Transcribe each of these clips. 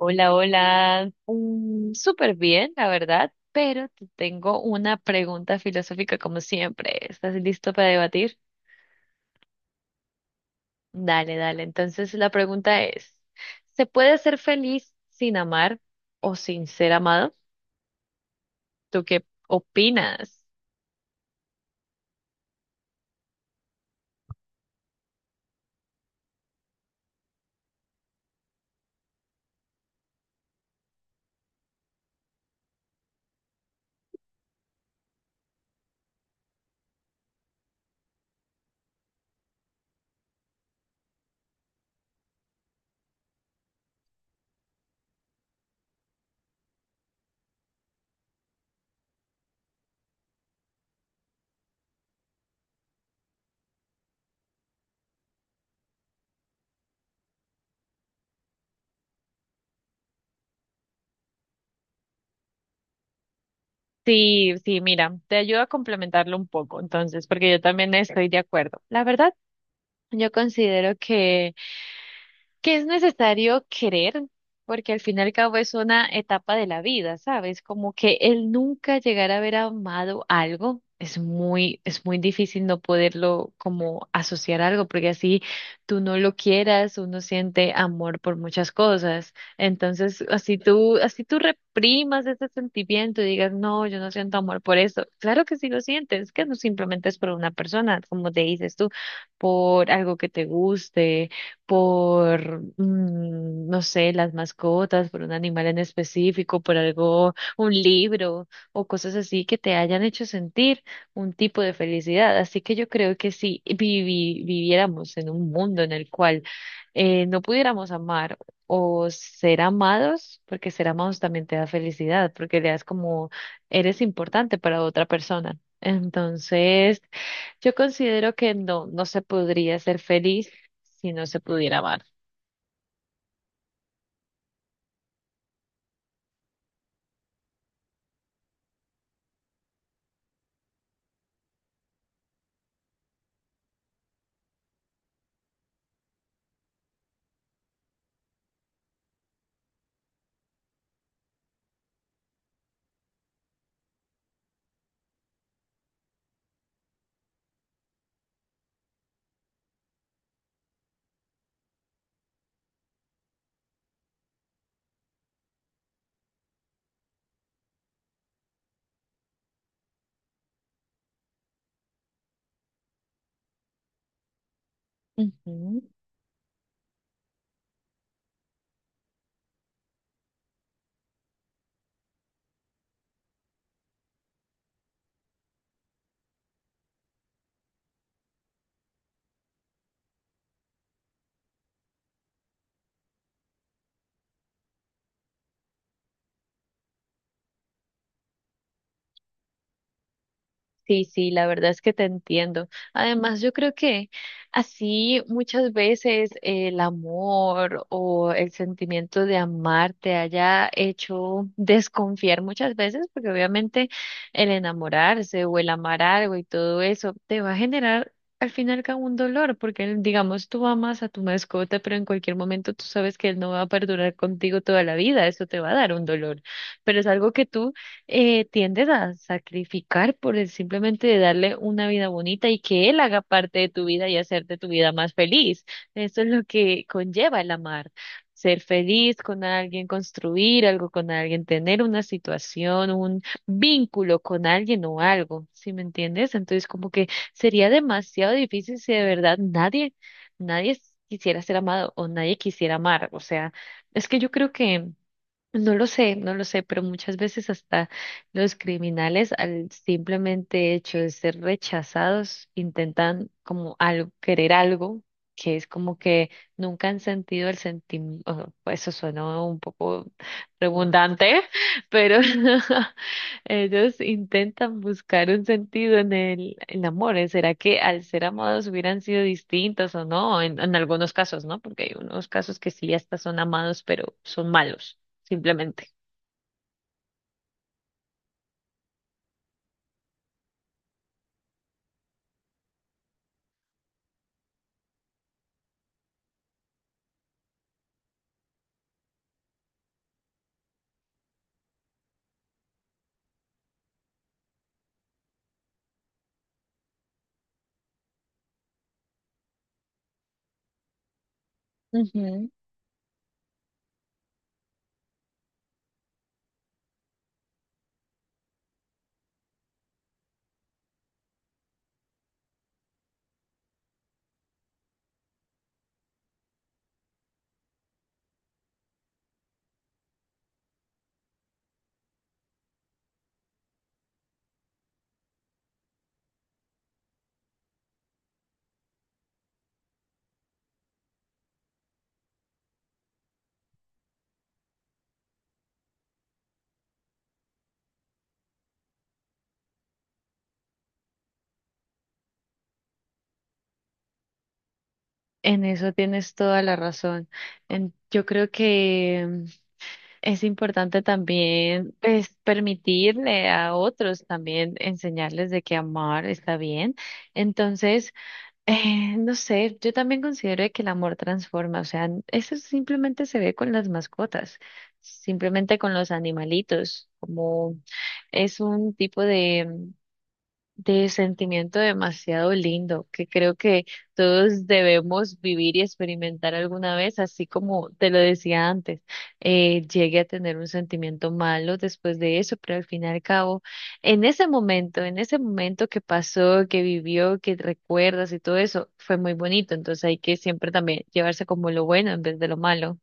Hola, hola. Súper bien, la verdad, pero te tengo una pregunta filosófica como siempre. ¿Estás listo para debatir? Dale, dale. Entonces la pregunta es, ¿se puede ser feliz sin amar o sin ser amado? ¿Tú qué opinas? Sí, sí, mira, te ayudo a complementarlo un poco, entonces, porque yo también estoy de acuerdo. La verdad, yo considero que es necesario querer, porque al fin y al cabo es una etapa de la vida, ¿sabes? Como que el nunca llegar a haber amado algo es muy difícil no poderlo como asociar a algo, porque así tú no lo quieras, uno siente amor por muchas cosas. Entonces, así tú reprimas ese sentimiento y digas, no, yo no siento amor por eso. Claro que sí lo sientes, que no simplemente es por una persona, como te dices tú, por algo que te guste por, no sé, las mascotas, por un animal en específico, por algo, un libro o cosas así que te hayan hecho sentir un tipo de felicidad. Así que yo creo que si viviéramos en un mundo en el cual no pudiéramos amar o ser amados, porque ser amados también te da felicidad, porque le das como eres importante para otra persona. Entonces, yo considero que no, no se podría ser feliz si no se pudiera amar. Ujú. Sí, sí, la verdad es que te entiendo. Además, yo creo que así muchas veces el amor o el sentimiento de amar te haya hecho desconfiar muchas veces, porque obviamente el enamorarse o el amar algo y todo eso te va a generar al final como un dolor, porque digamos tú amas a tu mascota, pero en cualquier momento tú sabes que él no va a perdurar contigo toda la vida, eso te va a dar un dolor, pero es algo que tú tiendes a sacrificar por el simplemente de darle una vida bonita y que él haga parte de tu vida y hacerte tu vida más feliz. Eso es lo que conlleva el amar. Ser feliz con alguien, construir algo con alguien, tener una situación, un vínculo con alguien o algo, ¿sí me entiendes? Entonces, como que sería demasiado difícil si de verdad nadie quisiera ser amado o nadie quisiera amar. O sea, es que yo creo que no lo sé, no lo sé, pero muchas veces hasta los criminales al simplemente hecho de ser rechazados intentan como algo, querer algo que es como que nunca han sentido el sentimiento, eso suena un poco redundante, pero ellos intentan buscar un sentido en el amor. ¿Eh? ¿Será que al ser amados hubieran sido distintos o no? En algunos casos, ¿no? Porque hay unos casos que sí, hasta son amados, pero son malos simplemente. Ujú. En eso tienes toda la razón. Yo creo que es importante también pues, permitirle a otros también enseñarles de que amar está bien. Entonces, no sé, yo también considero de que el amor transforma. O sea, eso simplemente se ve con las mascotas, simplemente con los animalitos, como es un tipo de sentimiento demasiado lindo que creo que todos debemos vivir y experimentar alguna vez, así como te lo decía antes, llegué a tener un sentimiento malo después de eso, pero al fin y al cabo, en ese momento que pasó, que vivió, que recuerdas y todo eso, fue muy bonito, entonces hay que siempre también llevarse como lo bueno en vez de lo malo.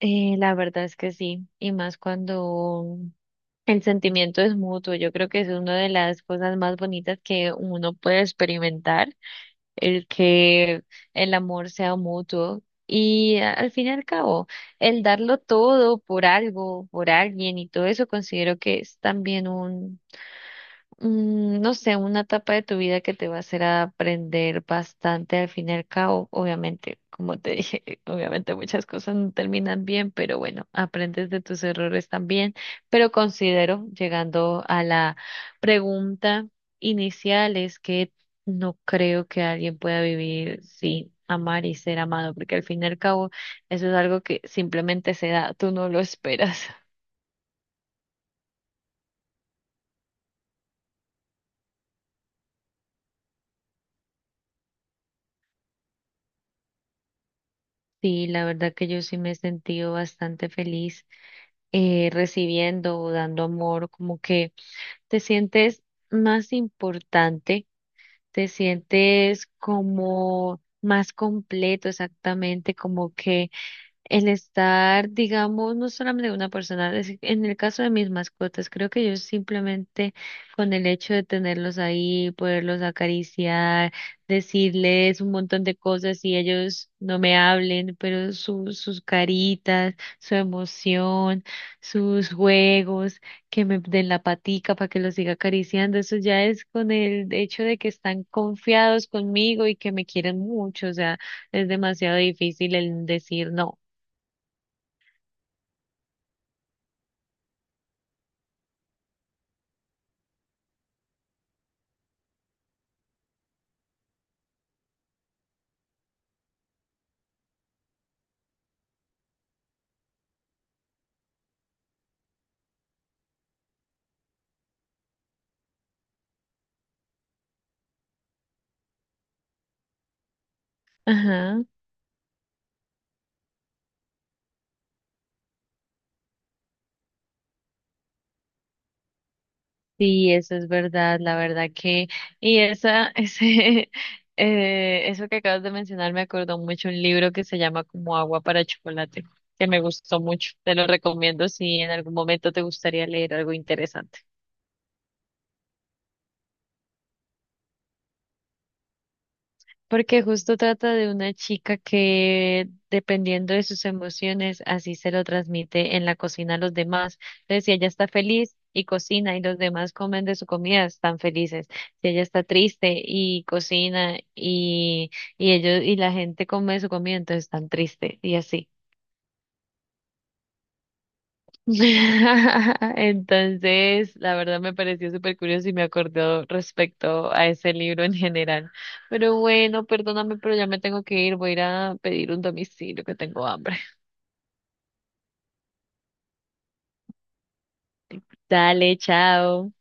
La verdad es que sí, y más cuando el sentimiento es mutuo, yo creo que es una de las cosas más bonitas que uno puede experimentar, el que el amor sea mutuo y al fin y al cabo, el darlo todo por algo, por alguien y todo eso considero que es también no sé, una etapa de tu vida que te va a hacer aprender bastante al fin y al cabo. Obviamente, como te dije, obviamente muchas cosas no terminan bien, pero bueno, aprendes de tus errores también. Pero considero, llegando a la pregunta inicial, es que no creo que alguien pueda vivir sin amar y ser amado, porque al fin y al cabo eso es algo que simplemente se da, tú no lo esperas. Sí, la verdad que yo sí me he sentido bastante feliz recibiendo o dando amor, como que te sientes más importante, te sientes como más completo exactamente, como que el estar, digamos, no solamente de una persona, en el caso de mis mascotas, creo que yo simplemente con el hecho de tenerlos ahí, poderlos acariciar, decirles un montón de cosas y ellos no me hablen, pero sus caritas, su emoción, sus juegos, que me den la patica para que los siga acariciando, eso ya es con el hecho de que están confiados conmigo y que me quieren mucho, o sea, es demasiado difícil el decir no. Ajá, sí, eso es verdad, la verdad que, y esa, ese, eso que acabas de mencionar me acordó mucho un libro que se llama como Agua para Chocolate, que me gustó mucho, te lo recomiendo si en algún momento te gustaría leer algo interesante. Porque justo trata de una chica que, dependiendo de sus emociones, así se lo transmite en la cocina a los demás. Entonces, si ella está feliz y cocina y los demás comen de su comida, están felices. Si ella está triste y cocina y ellos y la gente come de su comida, entonces están tristes y así. Entonces, la verdad me pareció súper curioso y me acordó respecto a ese libro en general. Pero bueno, perdóname, pero ya me tengo que ir. Voy a ir a pedir un domicilio que tengo hambre. Dale, chao.